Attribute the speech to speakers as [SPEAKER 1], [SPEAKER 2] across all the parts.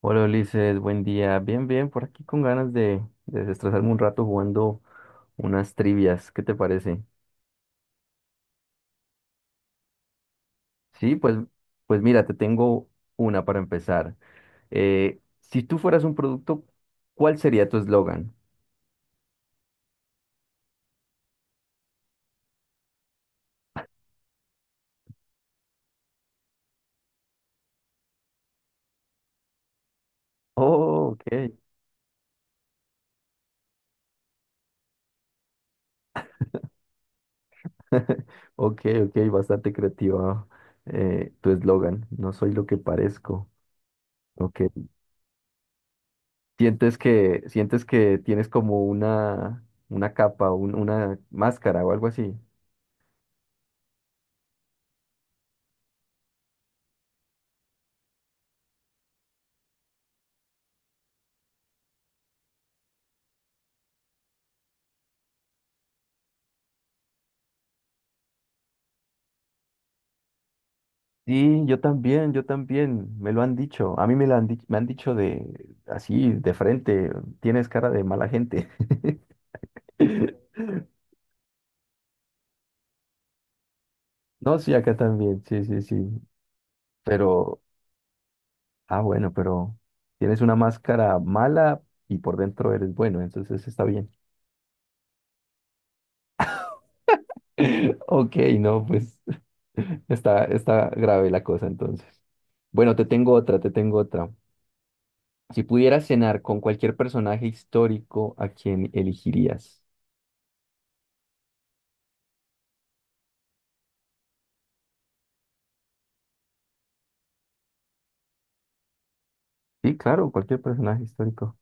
[SPEAKER 1] Hola Ulises, buen día. Bien, bien, por aquí con ganas de desestresarme un rato jugando unas trivias. ¿Qué te parece? Sí, pues, pues mira, te tengo una para empezar. Si tú fueras un producto, ¿cuál sería tu eslogan? Oh, ok. Ok, ok, bastante creativa tu eslogan. No soy lo que parezco. Ok. ¿Sientes que tienes como una capa, una máscara o algo así? Sí, yo también, me lo han dicho, a mí me lo han, me han dicho de así, de frente, tienes cara de mala gente. No, sí, acá también, sí, sí, sí, pero, ah, bueno, pero tienes una máscara mala y por dentro eres bueno, entonces está bien. Ok, no, pues está, está grave la cosa entonces. Bueno, te tengo otra, te tengo otra. Si pudieras cenar con cualquier personaje histórico, ¿a quién elegirías? Sí, claro, cualquier personaje histórico.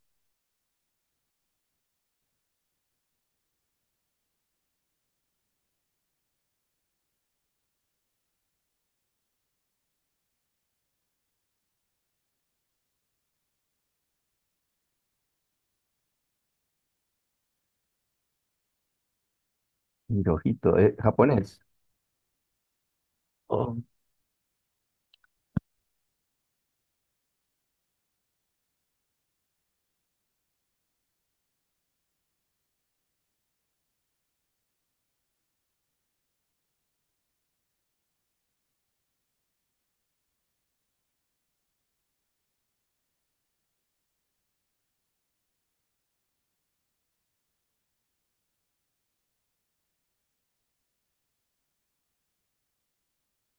[SPEAKER 1] Hirohito, japonés. Oh,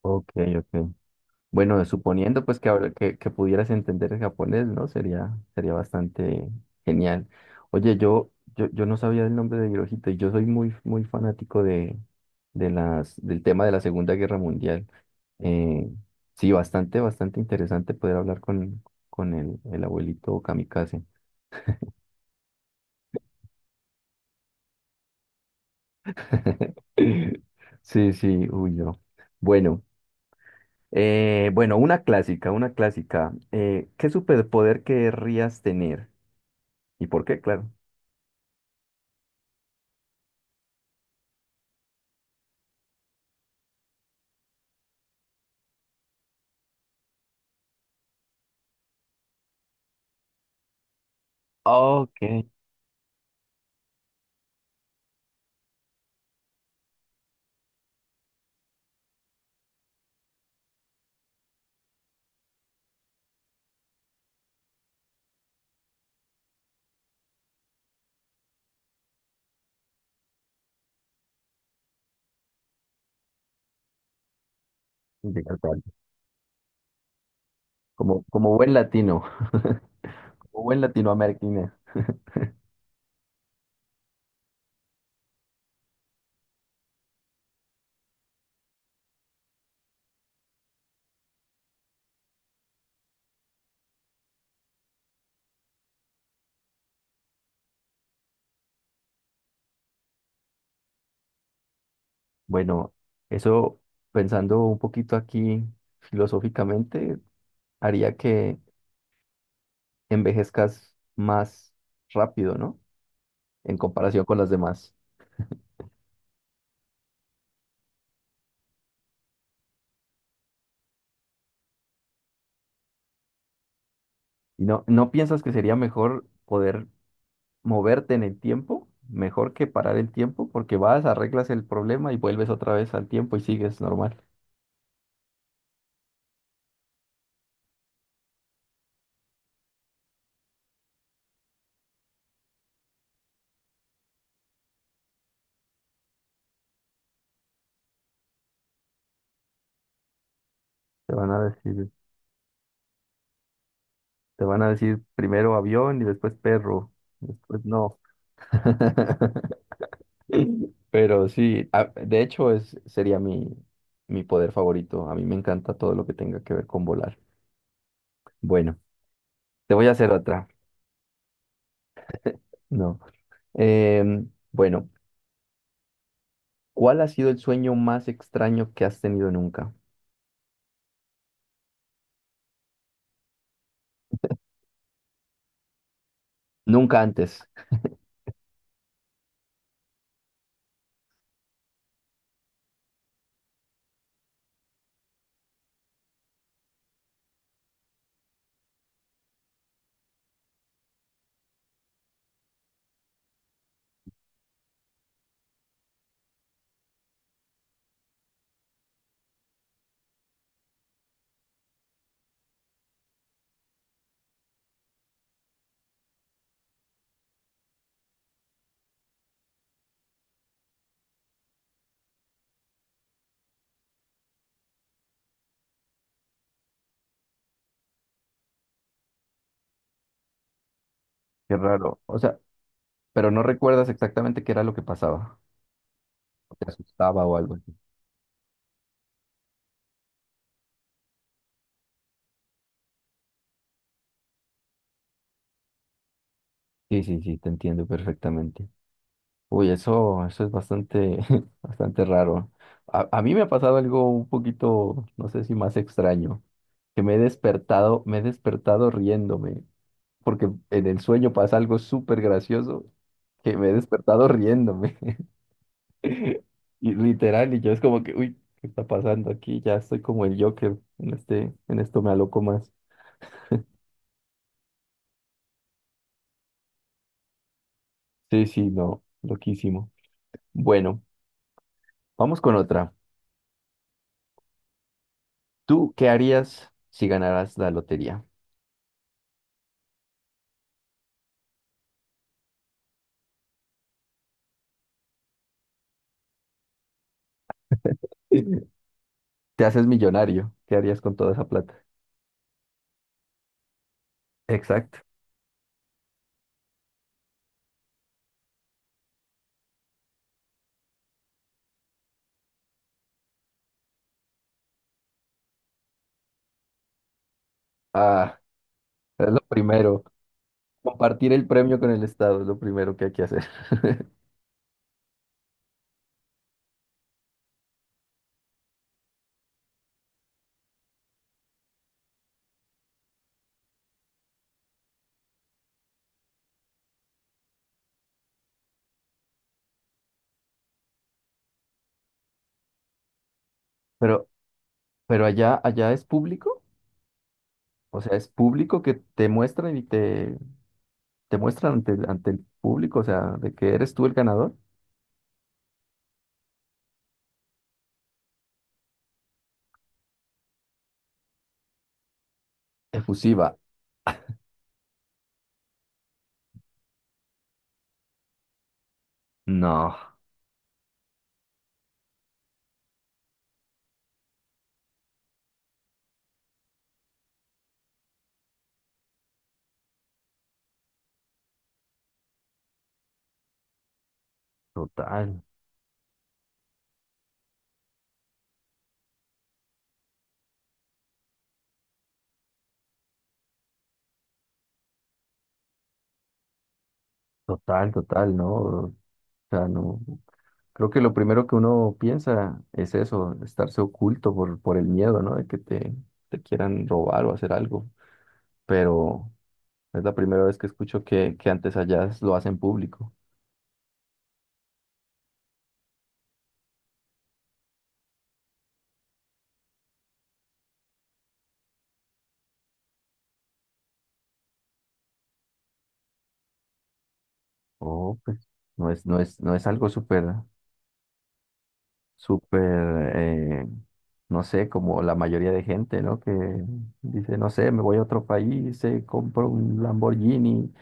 [SPEAKER 1] ok, ok. Bueno, suponiendo pues que, que pudieras entender el japonés, ¿no? Sería, sería bastante genial. Oye, yo no sabía el nombre de Hirohito y yo soy muy, muy fanático de las, del tema de la Segunda Guerra Mundial. Eh, sí, bastante, bastante interesante poder hablar con el abuelito Kamikaze. Sí, sí, uy, no. Bueno. Bueno, una clásica, una clásica. ¿Qué superpoder querrías tener? ¿Y por qué? Claro. Ok. Llegar tarde. Como, como buen latino, como buen latinoamericano. Bueno, eso pensando un poquito aquí filosóficamente, haría que envejezcas más rápido, ¿no? En comparación con las demás. ¿Y no, no piensas que sería mejor poder moverte en el tiempo, mejor que parar el tiempo, porque vas, arreglas el problema y vuelves otra vez al tiempo y sigues normal? Te van a decir, te van a decir primero avión y después perro, después no. Pero sí, de hecho es, sería mi, mi poder favorito. A mí me encanta todo lo que tenga que ver con volar. Bueno, te voy a hacer otra. No. Bueno, ¿cuál ha sido el sueño más extraño que has tenido nunca? Nunca antes. Qué raro. O sea, pero no recuerdas exactamente qué era lo que pasaba. Te asustaba o algo así. Sí, sí, sí, te entiendo perfectamente. Uy, eso es bastante, bastante raro. A mí me ha pasado algo un poquito, no sé si más extraño, que me he despertado riéndome, porque en el sueño pasa algo súper gracioso, que me he despertado riéndome. Y literal, y yo es como que, uy, ¿qué está pasando aquí? Ya estoy como el Joker, en este, en esto me aloco más. Sí, sí, no, loquísimo. Bueno, vamos con otra. ¿Tú qué harías si ganaras la lotería? Te haces millonario. ¿Qué harías con toda esa plata? Exacto. Ah, es lo primero. Compartir el premio con el Estado es lo primero que hay que hacer. Pero, pero allá, allá es público. O sea, es público que te muestran y te muestran ante, ante el público. O sea, de que eres tú el ganador. Efusiva. No, total, total, total, no. O sea, no. Creo que lo primero que uno piensa es eso, estarse oculto por el miedo, ¿no? De que te quieran robar o hacer algo. Pero es la primera vez que escucho que antes allá lo hacen público. Oh, pues no es, no es, no es algo súper, súper, eh, no sé, como la mayoría de gente, ¿no? Que dice, no sé, me voy a otro país, compro un Lamborghini,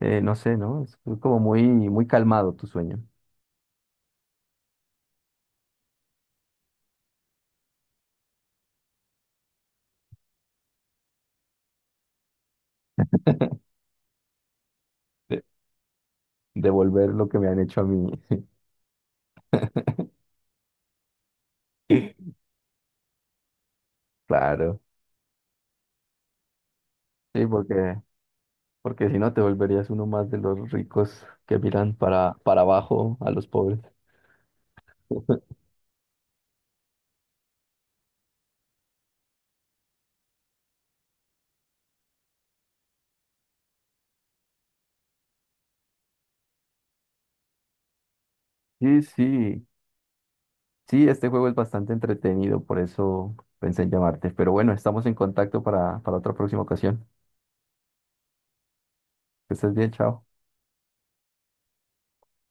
[SPEAKER 1] no sé, ¿no? Es como muy, muy calmado tu sueño de, de volver lo que me han hecho a mí. Claro, sí, porque, porque si no te volverías uno más de los ricos que miran para abajo a los pobres. Sí, sí, sí, este juego es bastante entretenido, por eso pensé en llamarte. Pero bueno, estamos en contacto para otra próxima ocasión. Que estés bien, chao.